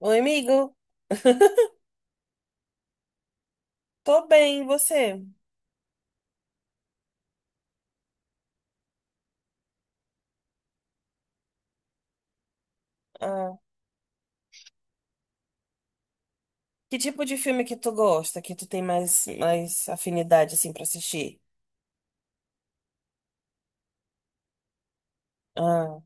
Oi, amigo. Tô bem, e você? Ah, que tipo de filme que tu gosta, que tu tem mais afinidade, assim, pra assistir? Ah,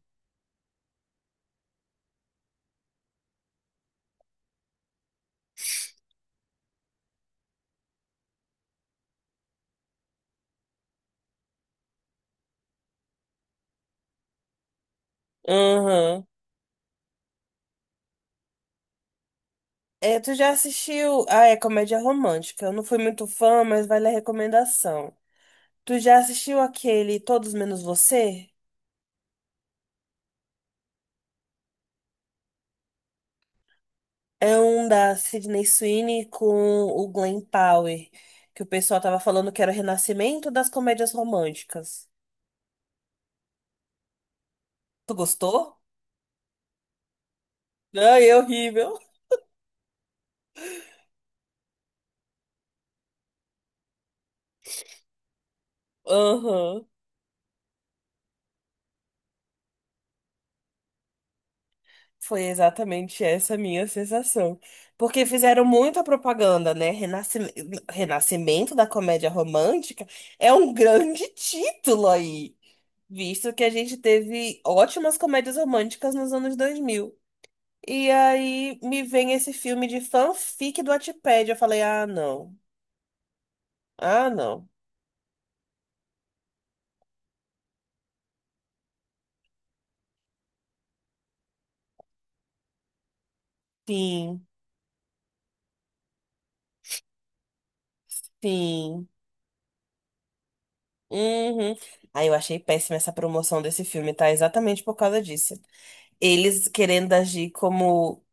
uhum. É, tu já assistiu... Ah, é comédia romântica. Eu não fui muito fã, mas vale a recomendação. Tu já assistiu aquele Todos Menos Você? É um da Sydney Sweeney com o Glenn Powell, que o pessoal tava falando que era o renascimento das comédias românticas. Tu gostou? Ai, é horrível. Aham. Foi exatamente essa a minha sensação. Porque fizeram muita propaganda, né? Renascimento, renascimento da comédia romântica é um grande título aí, visto que a gente teve ótimas comédias românticas nos anos 2000. E aí me vem esse filme de fanfic do Wattpad. Eu falei, ah, não. Ah, não. Sim, sim. Uhum. Aí eu achei péssima essa promoção desse filme, tá? Exatamente por causa disso eles querendo agir como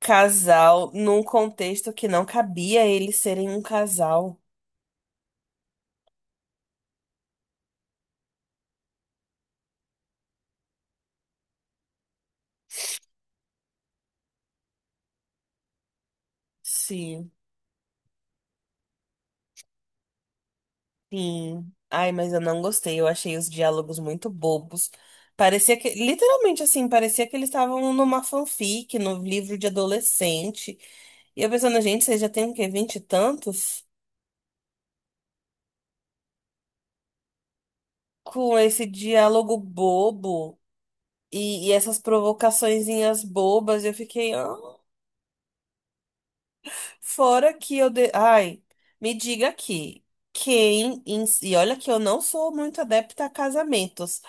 casal num contexto que não cabia eles serem um casal. Sim. Sim. Ai, mas eu não gostei. Eu achei os diálogos muito bobos. Parecia que, literalmente assim, parecia que eles estavam numa fanfic, no livro de adolescente. E eu pensando, gente, vocês já têm o quê? Vinte e tantos? Com esse diálogo bobo e, essas provocaçõezinhas bobas, eu fiquei. "Ah, fora que eu ai, me diga aqui, quem, si, e olha que eu não sou muito adepta a casamentos,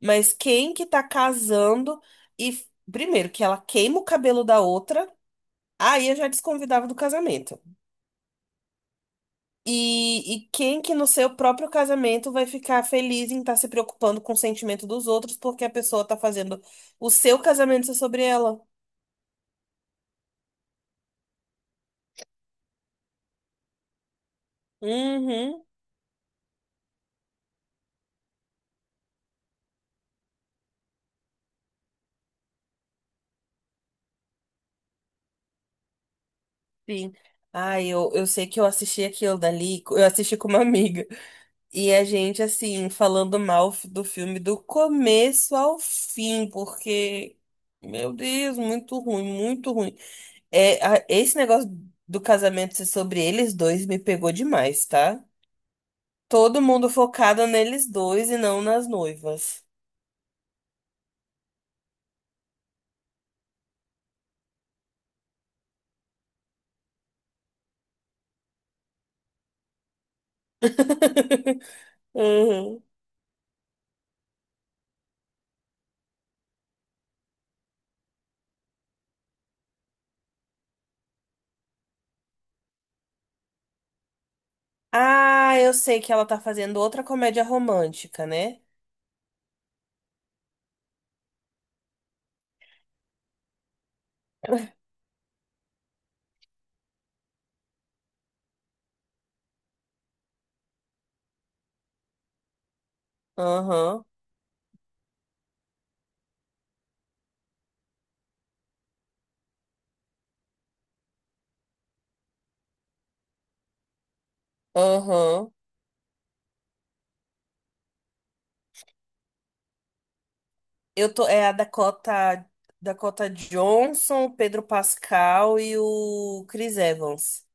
mas quem que tá casando e primeiro que ela queima o cabelo da outra, aí eu já desconvidava do casamento. e quem que no seu próprio casamento vai ficar feliz em estar se preocupando com o sentimento dos outros porque a pessoa tá fazendo o seu casamento ser sobre ela? Uhum, sim. Ai, eu sei que eu assisti aquilo dali, eu assisti com uma amiga. E a gente, assim, falando mal do filme do começo ao fim, porque, meu Deus, muito ruim, muito ruim. É, esse negócio do casamento ser sobre eles dois me pegou demais, tá? Todo mundo focado neles dois e não nas noivas. Uhum. Ah, eu sei que ela tá fazendo outra comédia romântica, né? Aham, aham. Eu tô, Dakota Johnson, o Pedro Pascal e o Chris Evans.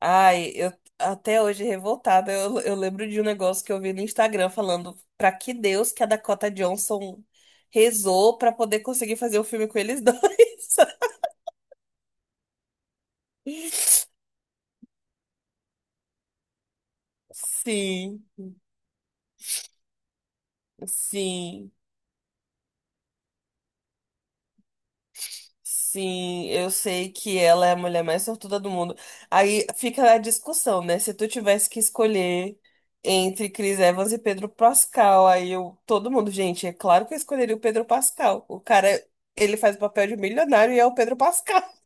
Ai, eu até hoje revoltada, eu lembro de um negócio que eu vi no Instagram falando pra que Deus que a Dakota Johnson rezou pra poder conseguir fazer o filme com eles dois. Sim, sim. Sim, eu sei que ela é a mulher mais sortuda do mundo. Aí fica a discussão, né? Se tu tivesse que escolher entre Chris Evans e Pedro Pascal, aí eu, todo mundo, gente, é claro que eu escolheria o Pedro Pascal. O cara, ele faz o papel de milionário e é o Pedro Pascal.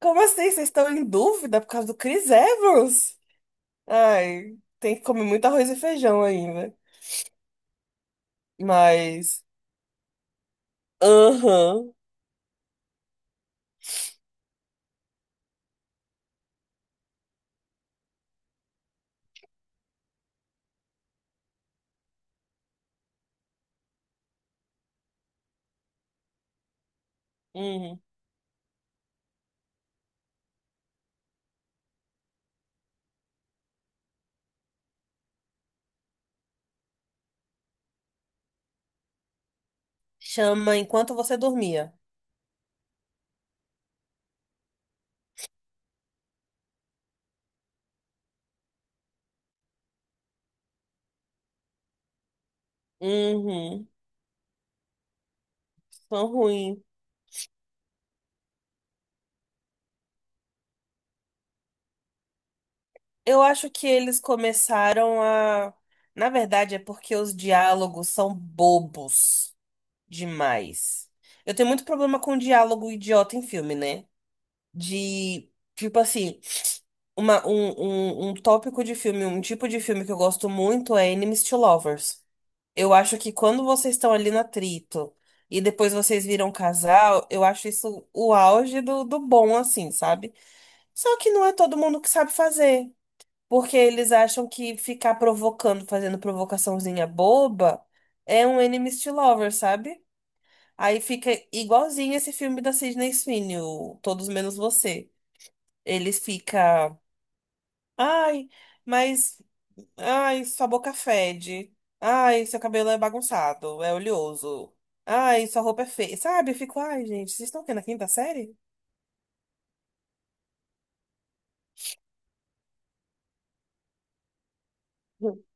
Como assim? Vocês estão em dúvida por causa do Chris Evans? Ai, tem que comer muito arroz e feijão ainda. Mas, aham, uhum. Chama Enquanto Você Dormia. Uhum, tão ruim. Eu acho que eles começaram a. Na verdade, é porque os diálogos são bobos demais. Eu tenho muito problema com diálogo idiota em filme, né? De, tipo assim, um tópico de filme, um tipo de filme que eu gosto muito é Enemies to Lovers. Eu acho que quando vocês estão ali no atrito e depois vocês viram um casal, eu acho isso o auge do bom, assim, sabe? Só que não é todo mundo que sabe fazer. Porque eles acham que ficar provocando, fazendo provocaçãozinha boba, é um enemies to lovers, sabe? Aí fica igualzinho esse filme da Sydney Sweeney, o Todos Menos Você. Ele fica, ai, mas, ai, sua boca fede. Ai, seu cabelo é bagunçado, é oleoso. Ai, sua roupa é feia. Sabe? Eu fico, ai, gente, vocês estão aqui na quinta série?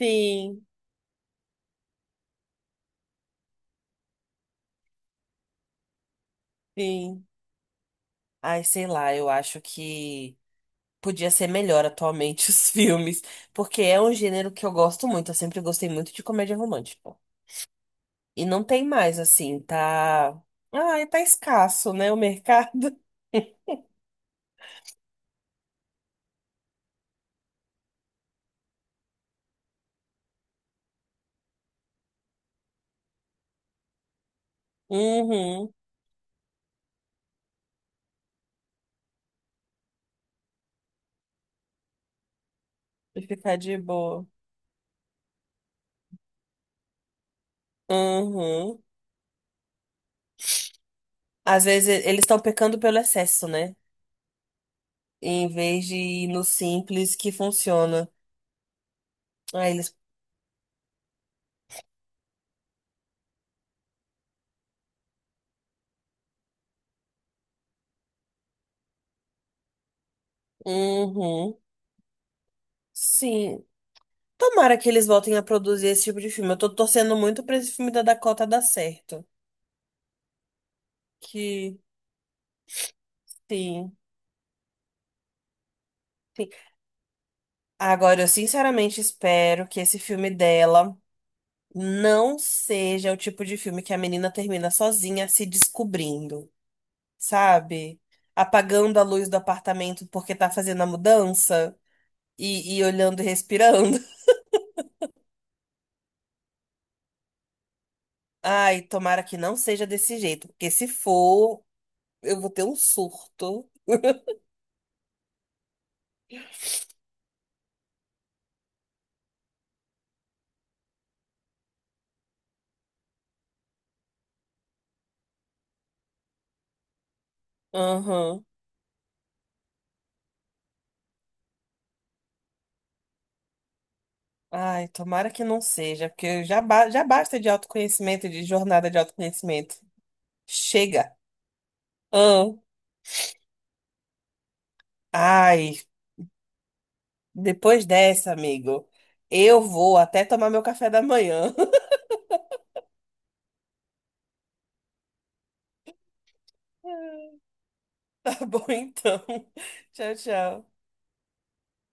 Sim, sim. Ai, sei lá, eu acho que podia ser melhor atualmente os filmes, porque é um gênero que eu gosto muito, eu sempre gostei muito de comédia romântica. E não tem mais assim, tá. Ah, tá escasso, né, o mercado. Uhum. E ficar de boa. Uhum. Às vezes eles estão pecando pelo excesso, né? Em vez de ir no simples que funciona. Aí eles. Uhum. Sim. Tomara que eles voltem a produzir esse tipo de filme. Eu tô torcendo muito pra esse filme da Dakota dar certo. Que sim, sim. Agora, eu sinceramente espero que esse filme dela não seja o tipo de filme que a menina termina sozinha se descobrindo, sabe? Apagando a luz do apartamento porque tá fazendo a mudança e, olhando e respirando. Ai, tomara que não seja desse jeito, porque se for, eu vou ter um surto. Aham. Ai, tomara que não seja, porque já, já basta de autoconhecimento, de jornada de autoconhecimento. Chega. Ahn. Ai, depois dessa, amigo, eu vou até tomar meu café da manhã. Tá bom, então. Tchau, tchau.